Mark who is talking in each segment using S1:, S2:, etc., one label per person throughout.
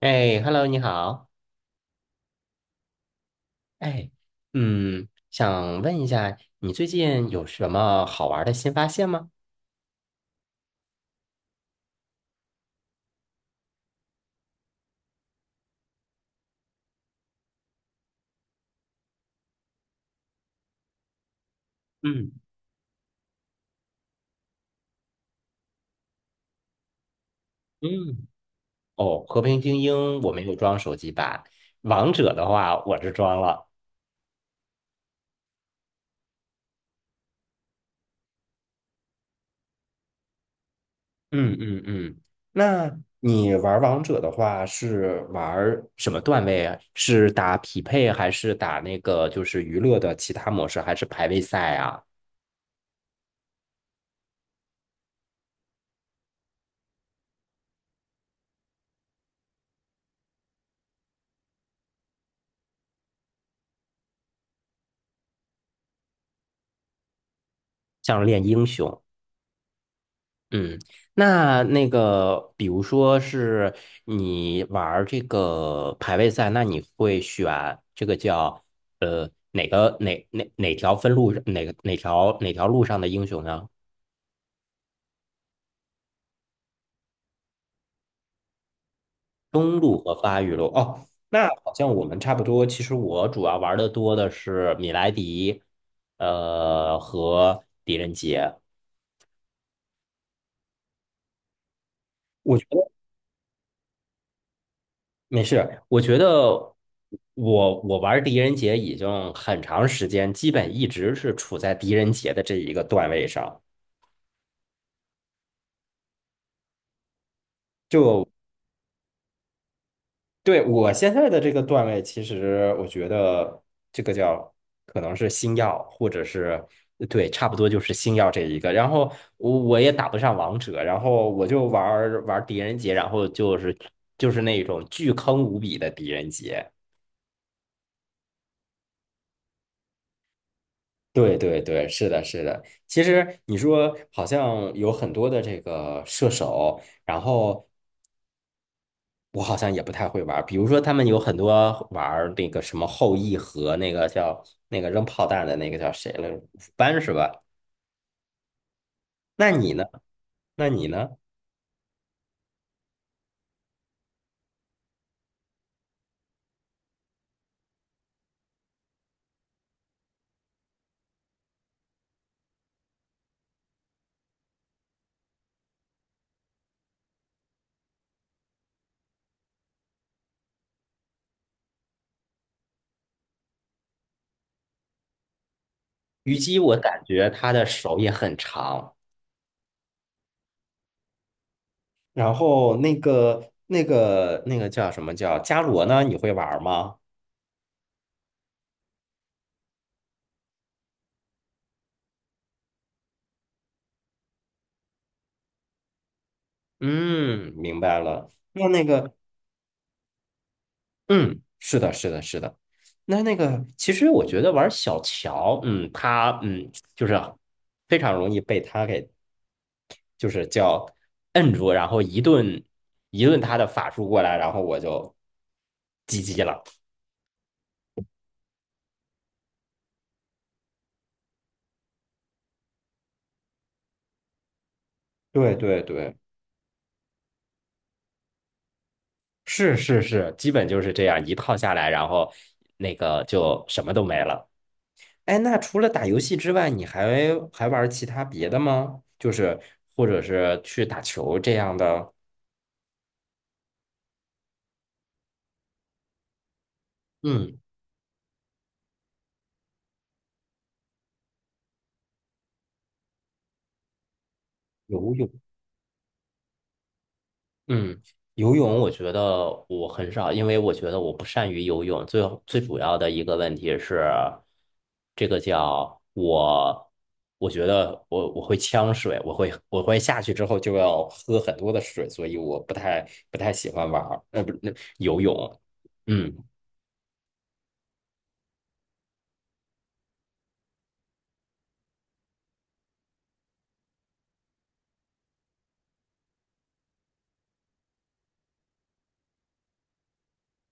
S1: 哎，Hello，你好。哎，想问一下，你最近有什么好玩儿的新发现吗？嗯嗯，哦，《和平精英》我没有装手机版，《王者》的话我这装了。嗯嗯嗯，那你玩儿王者的话是玩儿什么段位啊？是打匹配还是打那个就是娱乐的其他模式，还是排位赛啊？像练英雄？嗯，那个，比如说是你玩儿这个排位赛，那你会选这个叫哪个哪哪哪条分路哪个哪条哪条路上的英雄呢？中路和发育路哦，那好像我们差不多。其实我主要玩的多的是米莱狄，和狄仁杰。我觉得。没事，我觉得我玩狄仁杰已经很长时间，基本一直是处在狄仁杰的这一个段位上。就对我现在的这个段位，其实我觉得这个叫可能是星耀，或者是对，差不多就是星耀这一个。然后我也打不上王者，然后我就玩玩狄仁杰，然后就是那种巨坑无比的狄仁杰。对对对，是的，是的。其实你说好像有很多的这个射手，然后我好像也不太会玩儿。比如说他们有很多玩儿那个什么后羿和那个叫那个扔炮弹的那个叫谁来着，鲁班是吧？那你呢？那你呢？虞姬，我感觉她的手也很长。然后那个叫什么叫伽罗呢？你会玩儿吗？嗯，明白了。是的，是的，是的。那个，其实我觉得玩小乔，嗯，他就是非常容易被他给就是叫摁住，然后一顿一顿他的法术过来，然后我就 GG 了。对对对，是是是，基本就是这样一套下来，然后那个就什么都没了。哎，那除了打游戏之外，你还玩其他别的吗？就是或者是去打球这样的？嗯。游泳，嗯，游泳我觉得我很少，因为我觉得我不善于游泳。最主要的一个问题是，这个叫我，我觉得我会呛水，我会下去之后就要喝很多的水，所以我不太喜欢玩儿，不是那游泳。嗯，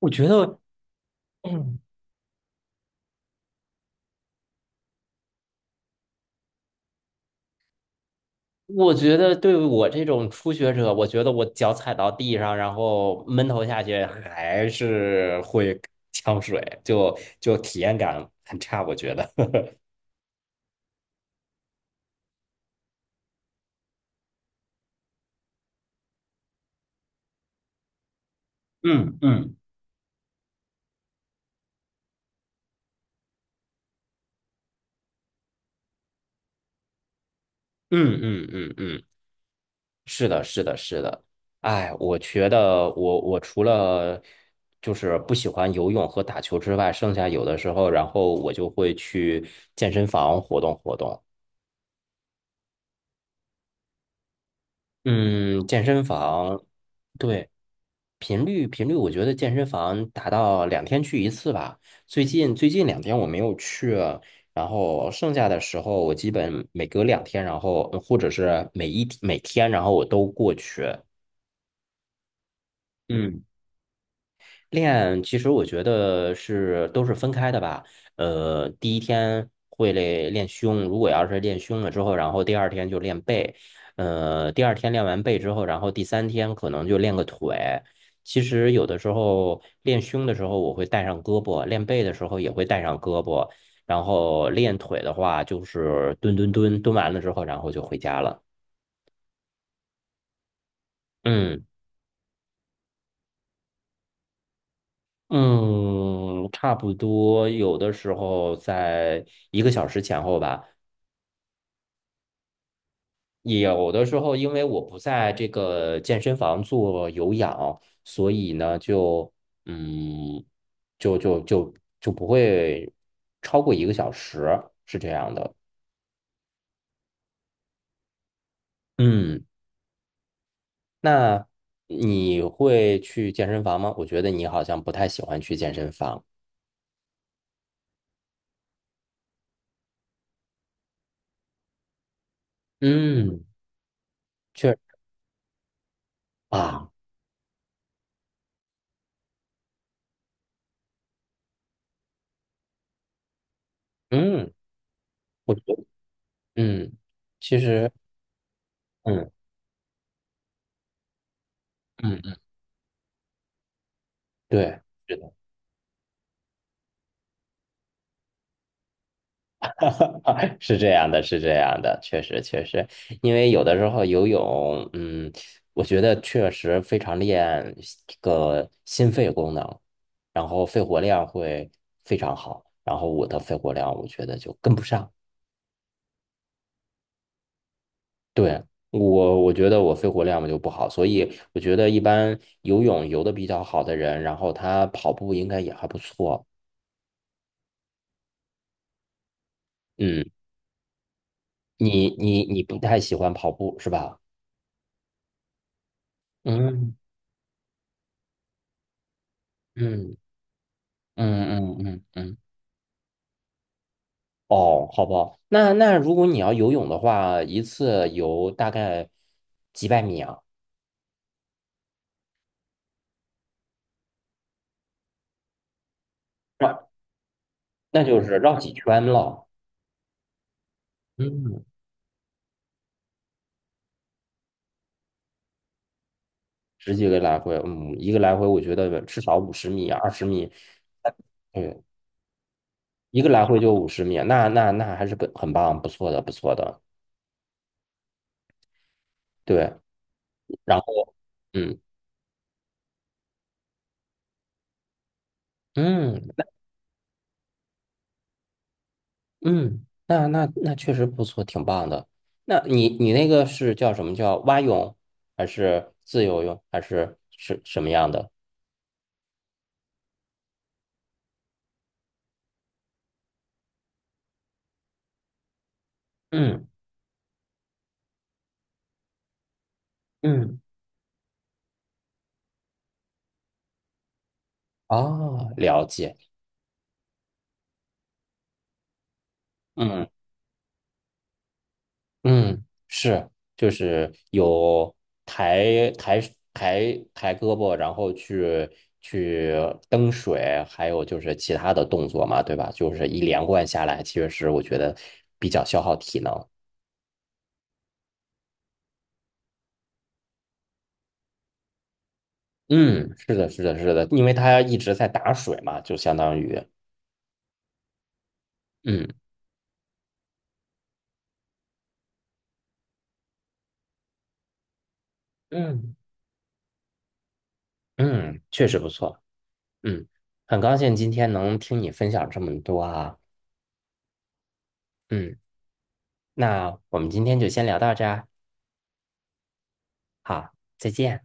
S1: 我觉得。嗯。我觉得对于我这种初学者，我觉得我脚踩到地上，然后闷头下去，还是会呛水，就体验感很差，我觉得。嗯嗯嗯嗯嗯嗯，是的，是的，是的。哎，我觉得我除了就是不喜欢游泳和打球之外，剩下有的时候，然后我就会去健身房活动活动。嗯，健身房，对。频率，我觉得健身房达到两天去一次吧。最近两天我没有去，然后剩下的时候我基本每隔两天，然后或者是每天，然后我都过去。嗯练其实我觉得都是分开的吧。第一天会练练胸，如果要是练胸了之后，然后第二天就练背。第二天练完背之后，然后第三天可能就练个腿。其实有的时候练胸的时候我会带上胳膊，练背的时候也会带上胳膊，然后练腿的话就是蹲蹲蹲，蹲完了之后然后就回家了。嗯。嗯，差不多，有的时候在一个小时前后吧。有的时候，因为我不在这个健身房做有氧，所以呢，就嗯，就就就就不会超过一个小时，是这样的。嗯，那你会去健身房吗？我觉得你好像不太喜欢去健身房。嗯，确啊，嗯，我觉得，嗯，其实，嗯。嗯对，是的，是这样的，是这样的，确实确实，因为有的时候游泳，我觉得确实非常练这个心肺功能，然后肺活量会非常好，然后我的肺活量我觉得就跟不上，对，我觉得我肺活量就不好，所以我觉得一般游泳游的比较好的人，然后他跑步应该也还不错，嗯，你不太喜欢跑步是吧？嗯嗯。嗯嗯嗯嗯，哦，好吧。那如果你要游泳的话，一次游大概几百米啊？绕，那就是绕几圈了。嗯，十几个来回，嗯，一个来回我觉得至少五十米、20米，对，一个来回就五十米，那还是很棒，不错的，不错的。对，然后嗯嗯，嗯，那确实不错，挺棒的。那你那个是叫什么叫蛙泳，还是自由泳，还是什么样的？嗯嗯，哦，了解。嗯嗯，是，就是有抬抬抬胳膊，然后去蹬水，还有就是其他的动作嘛，对吧？就是一连贯下来，其实我觉得比较消耗体能。嗯，是的，是的，是的，因为它一直在打水嘛，就相当于，嗯嗯嗯，确实不错，嗯，很高兴今天能听你分享这么多啊，嗯，那我们今天就先聊到这儿啊，好，再见。